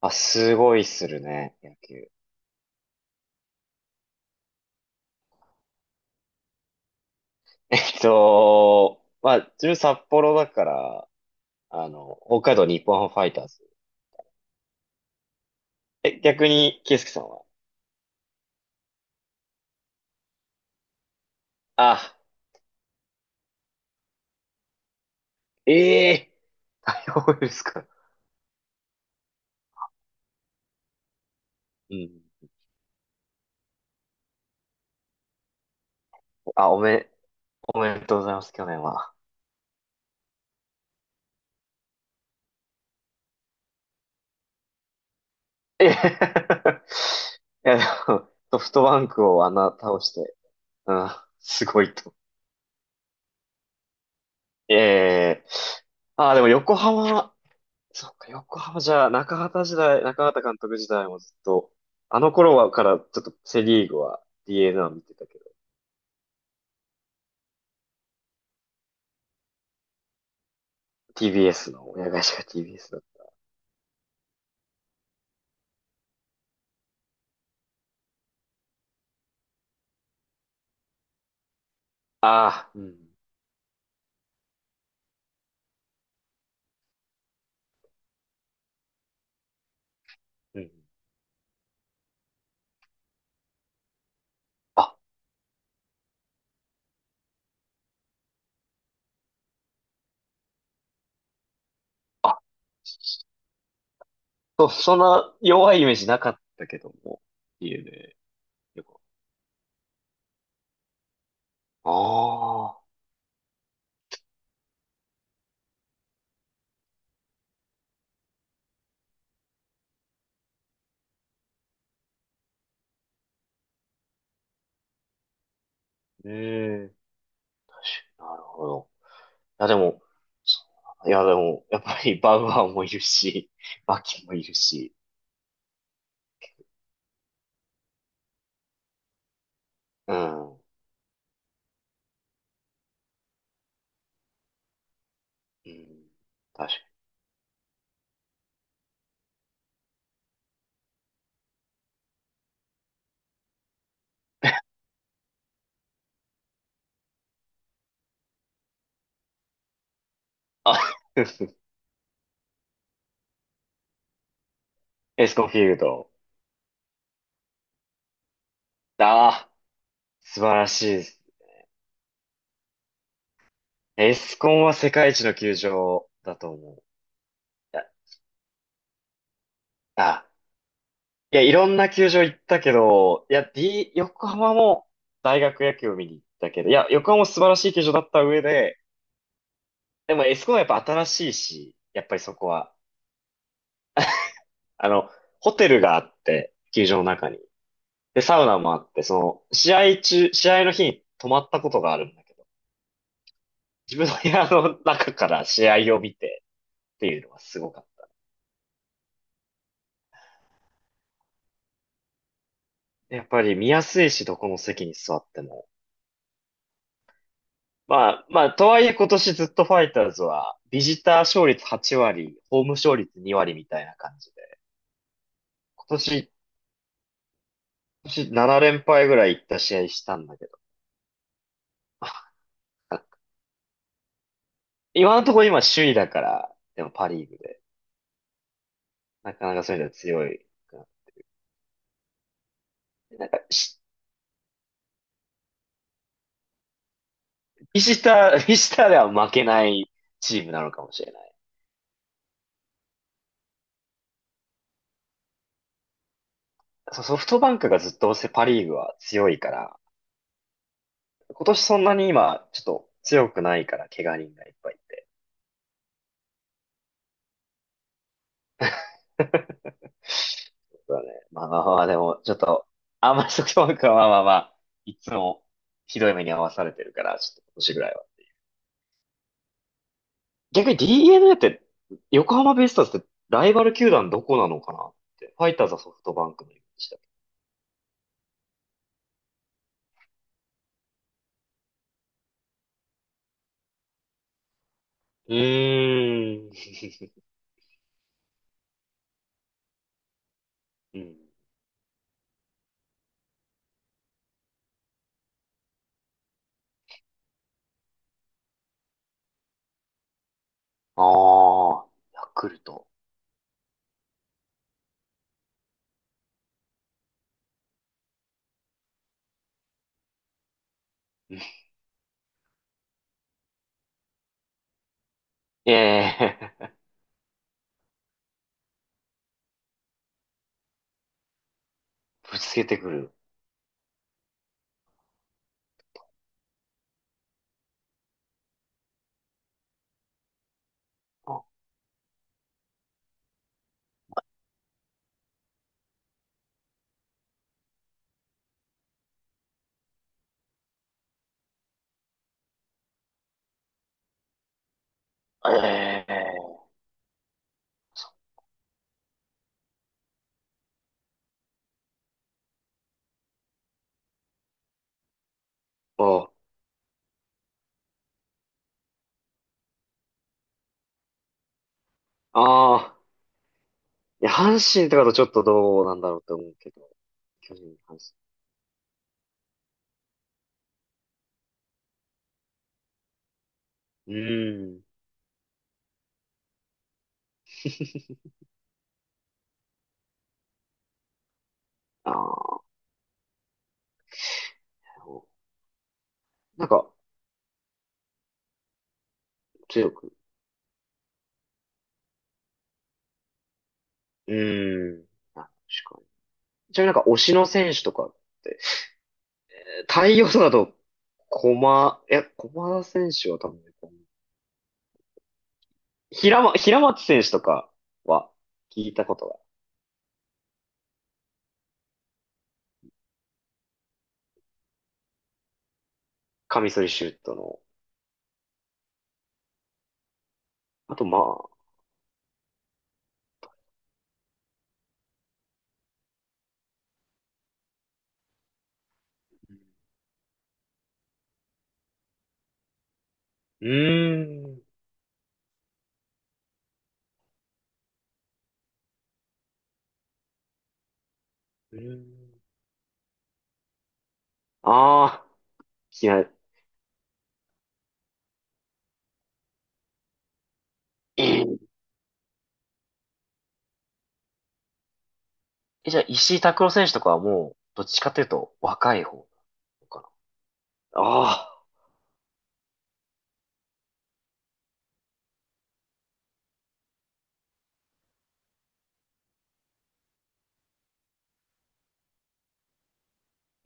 あ、すごいするね、野球。自分札幌だから、北海道日本ハムファイターズ。え、逆に、圭介さんは。あ、ええー、そうですか。うん。あ、おめ、おめでとうございます、去年は。えへへへ いや、でも、ソフトバンクをあんな倒して、うん、すごいと。ええ、あ、でも横浜、そっか、横浜じゃあ、中畑監督時代もずっと、あの頃はからちょっとセリーグは DNA を見てたけど、TBS の、親会社が TBS だった。ああ、うん、うん。あ、あ、そんな弱いイメージなかったけども、DNA、横浜。ああ、うん。なるほど。いや、でも、そういや、でも、やっぱりバウアーもいるし、マキもいるし、うん、うん、確かに。あ エスコンフィールド。ああ、素晴らしいです。エスコンは世界一の球場だと思う。いや、あ、いや、いろんな球場行ったけど、いや、D、横浜も大学野球を見に行ったけど、いや、横浜も素晴らしい球場だった上で、でもエスコンはやっぱ新しいし、やっぱりそこは、あの、ホテルがあって、球場の中に。で、サウナもあって、その、試合中、試合の日に泊まったことがあるんだけど、自分の部屋の中から試合を見てっていうのはすごかった。やっぱり見やすいし、どこの席に座っても。まあ、まあ、とはいえ今年ずっとファイターズは、ビジター勝率8割、ホーム勝率2割みたいな感じで。今年、今年7連敗ぐらいいった試合したんだけど。今のところ今首位だから、でもパリーグで。なかなかそういうのは強い。なんか、しビジター、ビジターでは負けないチームなのかもしれない。そうソフトバンクがずっとせパリーグは強いから、今年そんなに今、ちょっと強くないから、怪我人がいっぱいいて。そうだね。でも、ちょっと、あんまりソフトバンクはいつもひどい目に遭わされてるから、ちょっと今年ぐらいは。逆に d n a って、横浜ベイスターズってライバル球団どこなのかなって。ファイターズはソフトバンクのイメージだけど。うーん。うん。ああ、ヤクルト。うん、ええ ぶつけてくる。あ、ええ、あ、あー。いや、阪神とかだとちょっとどうなんだろうって思うけど、巨人、阪神。うーん。ああ、なんか、強く。うーん。あ、確かに。ちなみに推しの選手とかって、太陽とかだと、駒田選手は多分ね、平松選手とかは聞いたことが、カミソリシュートの。あと、まあ、うーん、うーん。ああ、嫌い。ええ、じゃあ、石井拓郎選手とかはもう、どっちかというと、若い方なのか。ああ、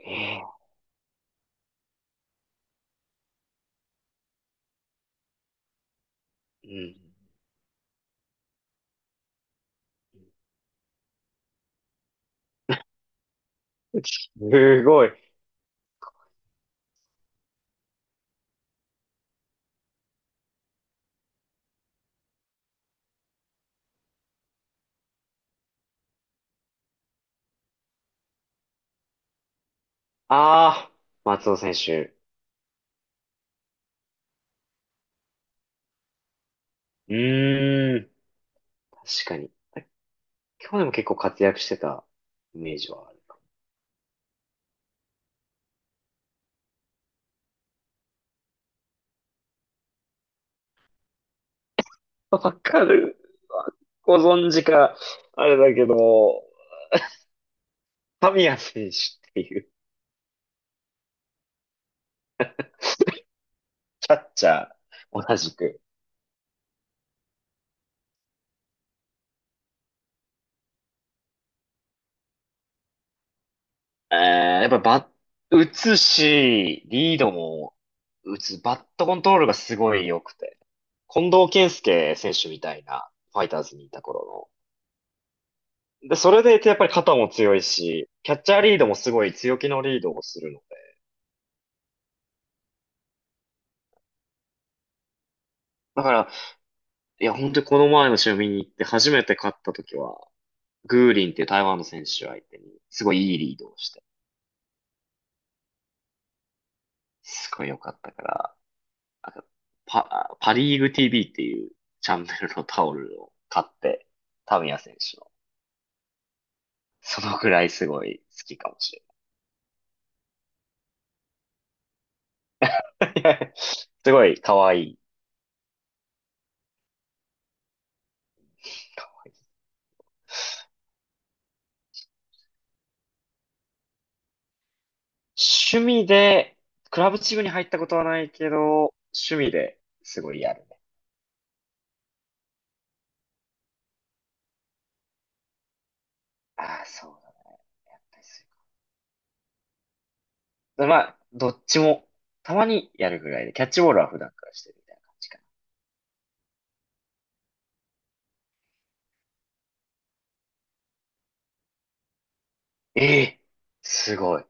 ええ、うん。すごい。ああ、松尾選手。うーん、確かに。今日でも結構活躍してたイメージはある。わかる。ご存知か、あれだけど、神谷選手っていうキャッチャー、同じく。えー、やっぱバッ、打つし、リードも打つ、バットコントロールがすごい良くて。近藤健介選手みたいな、ファイターズにいた頃の、で、それでいてやっぱり肩も強いし、キャッチャーリードもすごい強気のリードをするので。だから、いや、本当にこの前の試合見に行って初めて勝った時は、グーリンっていう台湾の選手相手に、すごいいいリードをして、すごい良かったから、あとパリーグ TV っていうチャンネルのタオルを買って、タミヤ選手の。そのくらいすごい好きかもしれない。すごい可愛い。趣味で、クラブチームに入ったことはないけど、趣味ですごいやるね。ああ、そうだったりする。まあ、どっちも、たまにやるぐらいで、キャッチボールは普段からしてるみたいな感じかな。ええ、すごい。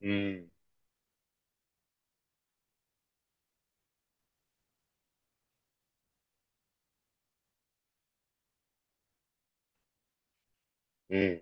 うん、うん。